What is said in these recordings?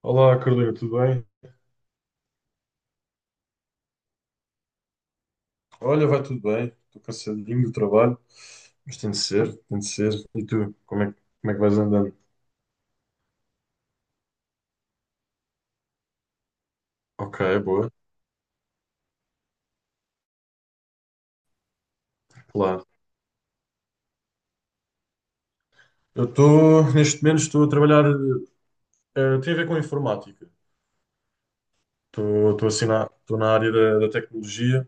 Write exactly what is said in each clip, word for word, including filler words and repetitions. Olá, Carolina, tudo bem? Olha, vai tudo bem. Estou cansadinho do trabalho, mas tem de ser, tem de ser. E tu, como é, que- como é que vais andando? Ok, boa, claro. Eu estou, neste momento, estou a trabalhar, eh, tem a ver com informática. Estou estou assim na, estou na área da, da tecnologia,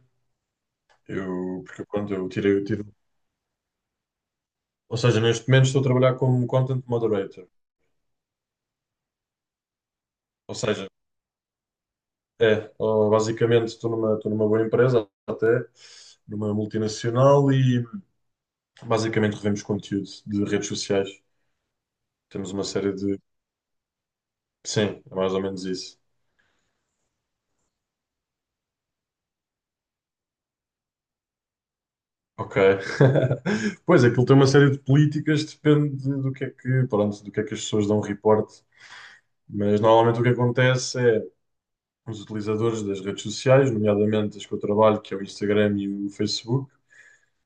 eu, porque quando eu tirei o tiro. Ou seja, neste momento estou a trabalhar como content moderator. Ou seja, é, ó, basicamente estou numa, estou numa boa empresa, até, numa multinacional. Basicamente revemos conteúdo de redes sociais. Temos uma série de. Sim, é mais ou menos isso. Ok. Pois, aquilo tem uma série de políticas, depende de- do que é que, pronto, do que é que as pessoas dão reporte. Mas normalmente o que acontece é os utilizadores das redes sociais, nomeadamente as que eu trabalho, que é o Instagram e o Facebook.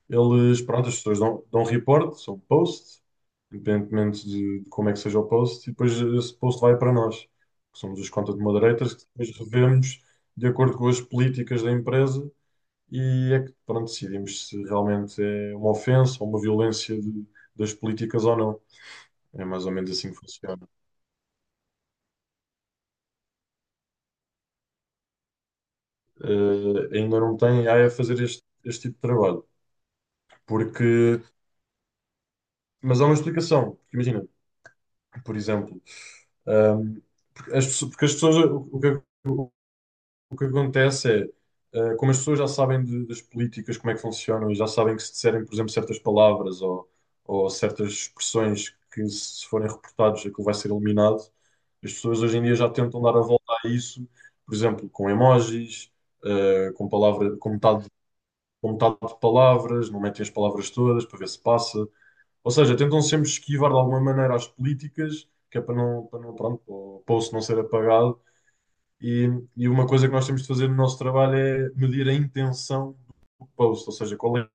Eles, pronto, as pessoas dão, dão report, são post, independentemente de, de como é que seja o post, e depois esse post vai para nós, que somos os content moderators, que depois revemos de acordo com as políticas da empresa e é que, pronto, decidimos se realmente é uma ofensa ou uma violência de- das políticas ou não. É mais ou menos assim que funciona. Eh, ainda não tem A I a fazer este, este tipo de trabalho, porque... Mas há uma explicação, porque imagina, por exemplo, Um, porque as, pessoas- porque as pessoas, o, o que, o- o que acontece é, uh, como as pessoas já sabem de- das políticas, como é que funcionam, e já sabem que se disserem, por exemplo, certas palavras ou, ou certas expressões que, se forem reportados, aquilo vai ser eliminado, as pessoas hoje em dia já tentam dar a volta a isso, por exemplo, com emojis, uh, com palavra, com metade, com metade de palavras, não metem as palavras todas para ver se passa. Ou seja, tentam sempre esquivar de alguma maneira as políticas, que é para não, para não, pronto, para o poço não ser apagado. E, e uma coisa que nós temos de fazer no nosso trabalho é medir a intenção do post, ou seja, qual é a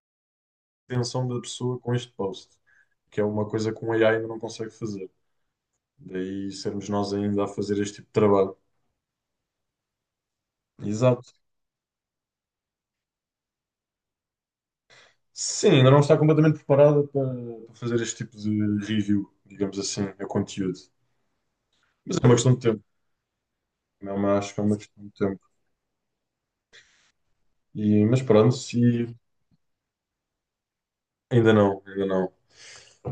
intenção da pessoa com este post, que é uma coisa que um A I ainda não consegue fazer. Daí sermos nós ainda a fazer este tipo de trabalho. Exato. Sim, ainda não está completamente preparada para, para fazer este tipo de review, digamos assim, a conteúdo. Mas é uma questão de tempo. Não, mas acho que é uma questão de tempo. E, mas pronto, se. Ainda não, ainda não.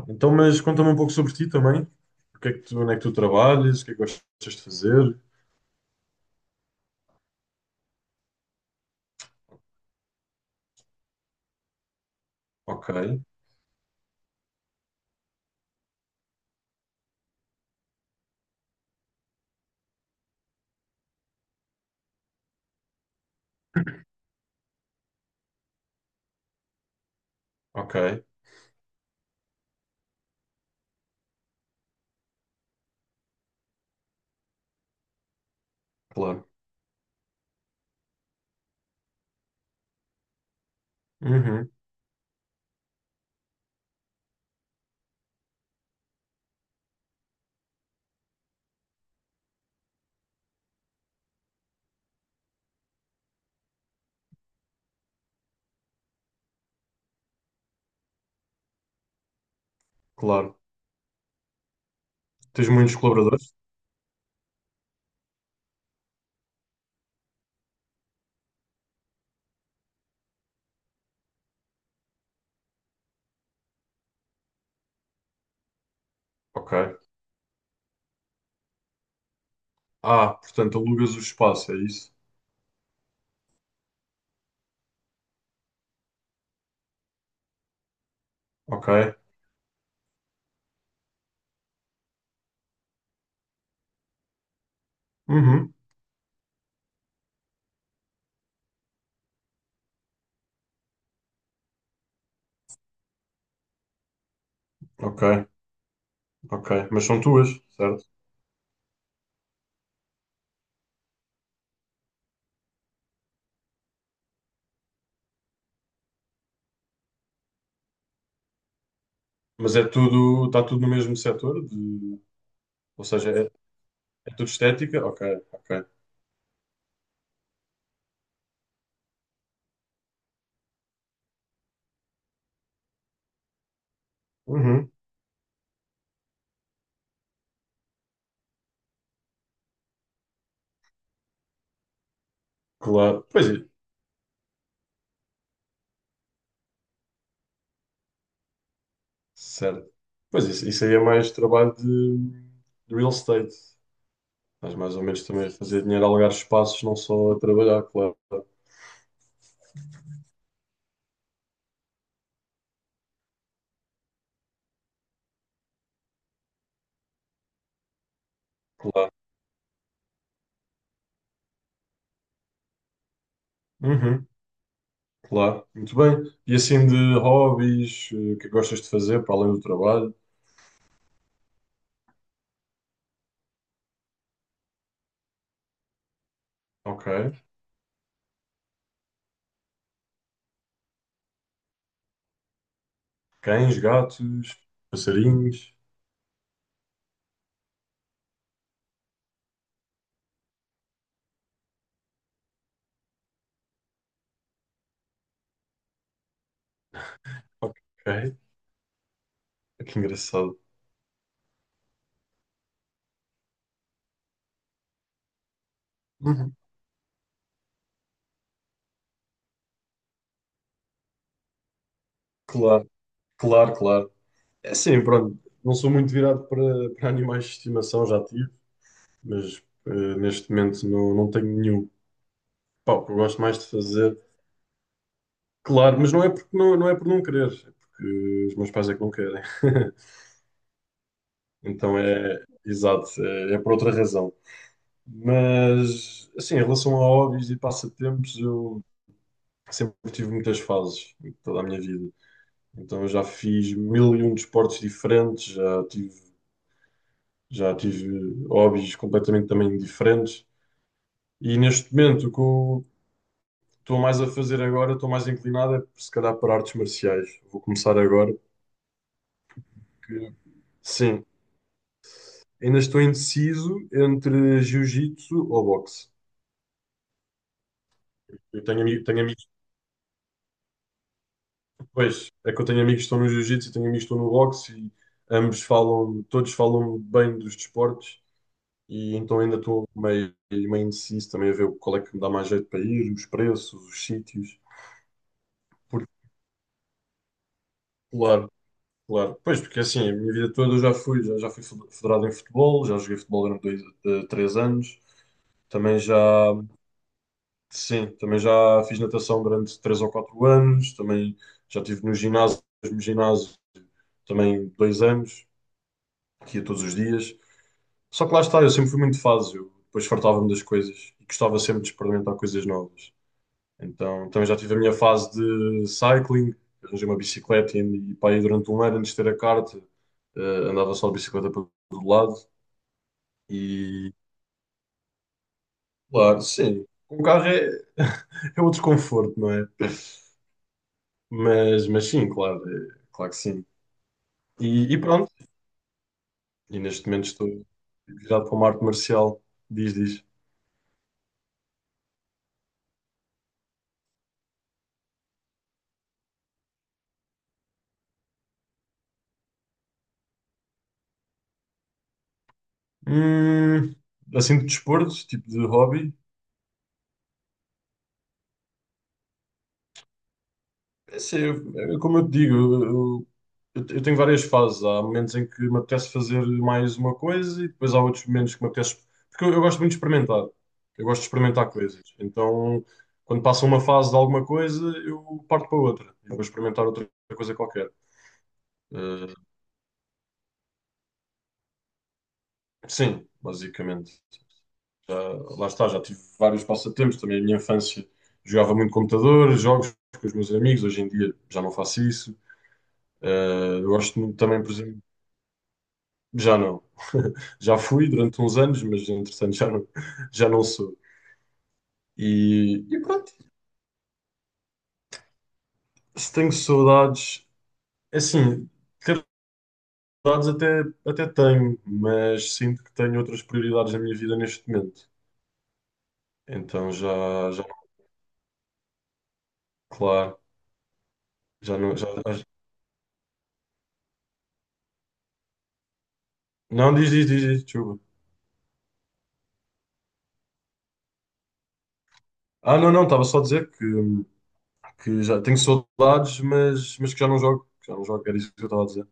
Então, mas conta-me um pouco sobre ti também. O que é que tu, onde é que tu trabalhas? O que é que gostas de fazer? Ok, ok, claro. Uhum, claro. Tens muitos colaboradores? Ok. Ah, portanto, alugas o espaço, é isso? Ok. Uhum, ok, ok. Mas são tuas, certo? Mas é tudo, está tudo no mesmo setor? De, ou seja, é, é tudo estética? Ok, ok. Uhum, claro. Pois é, certo. Pois isso, isso aí é mais trabalho de, de real estate. Mas mais ou menos também a fazer dinheiro a alugar espaços, não só a trabalhar, claro. Claro. Uhum, claro. Muito bem. E assim de hobbies, eh, o que é que gostas de fazer para além do trabalho? Ok. Cães, gatos, passarinhos. Ok. Que engraçado. Uhum. Claro, claro, claro. É assim, pronto. Não sou muito virado para, para animais de estimação, já tive, mas eh, neste momento não, não tenho nenhum. Pá, o que eu gosto mais de fazer. Claro, mas não é porque não, não é por não querer, é porque os meus pais é que não querem. Então é, exato, é, é por outra razão. Mas, assim, em relação a hobbies e passatempos, eu sempre tive muitas fases em toda a minha vida. Então eu já fiz mil e um desportos diferentes, já tive, já tive hobbies completamente também diferentes. E neste momento, o que eu estou mais a fazer agora, estou mais inclinado, é se calhar para artes marciais. Vou começar agora, porque sim, ainda estou indeciso entre jiu-jitsu ou boxe. Eu tenho, ami- tenho amigos, pois, é que eu tenho amigos que estão no jiu-jitsu e tenho amigos que estão no boxe e ambos falam, todos falam bem dos desportos e então ainda estou meio, meio indeciso também a ver qual é que me dá mais jeito para ir, os preços, os sítios. Porque, claro, claro. Pois, porque assim, a minha vida toda eu já fui, já, já fui federado em futebol, já joguei futebol durante dois, eh, três anos, também já. Sim, também já fiz natação durante três ou quatro anos, também já estive no ginásio, mesmo ginásio, também dois anos, que ia todos os dias. Só que lá está, eu sempre fui muito fácil, eu depois fartava-me das coisas e gostava sempre de experimentar coisas novas. Então também já tive a minha fase de cycling, arranjei uma bicicleta e, e pá, aí durante um ano antes de ter a carta, eh, andava só de bicicleta para todo lado e, claro, sim, com o carro é, é outro conforto, não é? Mas, mas sim, claro, é- claro que sim. E, e pronto. E neste momento estou virado para uma arte marcial. Diz, diz. Hum, assim de desporto, tipo de hobby. É assim, eu- é como eu te digo, eu, eu- eu tenho várias fases. Há momentos em que me apetece fazer mais uma coisa e depois há outros momentos que me apetece. Porque eu, eu gosto muito de experimentar. Eu gosto de experimentar coisas. Então, quando passa uma fase de alguma coisa, eu parto para outra. Eu vou experimentar outra coisa qualquer. Eh, sim, basicamente. Já, lá está, já tive vários passatempos. Também a minha infância jogava muito computador, jogos com os meus amigos. Hoje em dia já não faço isso. Eh, eu gosto muito também, por exemplo, já não. Já fui durante uns anos, mas entretanto já não, já não sou. E, e pronto, se tenho saudades, é assim, ter saudades até, até tenho, mas sinto que tenho outras prioridades na minha vida neste momento. Então já, já, claro, já não, já, já- não, diz, diz, diz, diz, desculpa. Ah, não, não, estava só a dizer que, que já tenho saudades, mas, mas que já não jogo. Que Já não jogo, era isso que eu estava a dizer.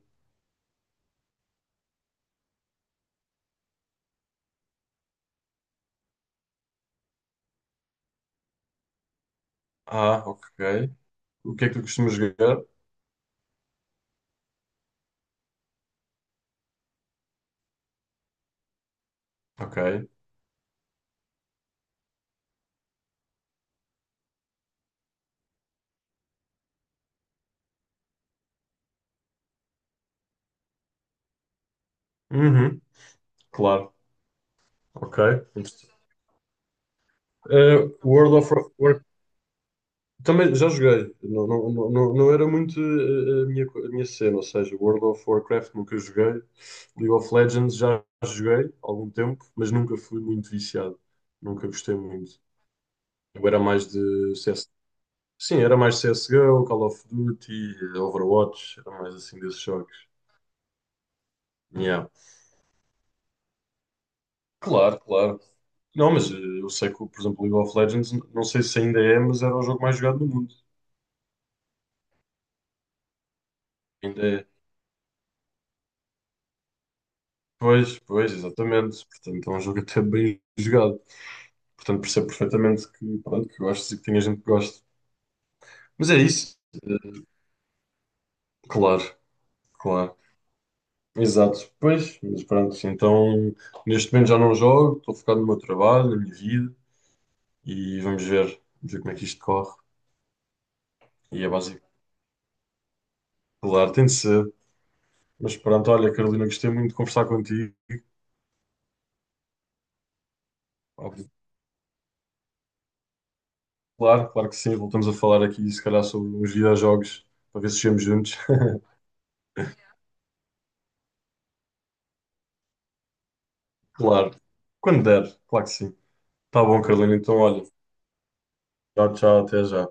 Ah, ok. O que é que tu costumas jogar? Ok. Uhum, claro. Ok. Eh, World of Warcraft também já joguei. Não, não, não, não não era muito eh, a minha, co- a minha cena, ou seja, World of Warcraft nunca joguei. League of Legends já joguei há algum tempo, mas nunca fui muito viciado. Nunca gostei muito. Eu era mais de. Sim, era mais C S G O, Call of Duty, Overwatch, era mais assim desses jogos. Yeah. Claro, claro. Não, mas eh, eu sei que, por exemplo, League of Legends, n- não sei se ainda é, mas era o jogo mais jogado do mundo. Ainda é. Pois, pois, exatamente. Portanto, é um jogo até bem jogado. Portanto, percebo perfeitamente que, pronto, que gostes e que tenha gente que gosta. Mas é isso. Eh, claro, claro. Exato. Pois, mas pronto. Então, neste momento já não jogo, estou focado no meu trabalho, na minha vida e vamos ver, vamos ver como é que isto corre. E é básico. Claro, tem de ser. Mas pronto, olha, Carolina, gostei muito de conversar contigo. Óbvio. Claro, claro que sim. Voltamos a falar aqui, se calhar, sobre uns videojogos, para ver se chegamos juntos. Claro. Quando der, claro que sim. Tá bom, Carolina. Então, olha, tchau, tchau, até já.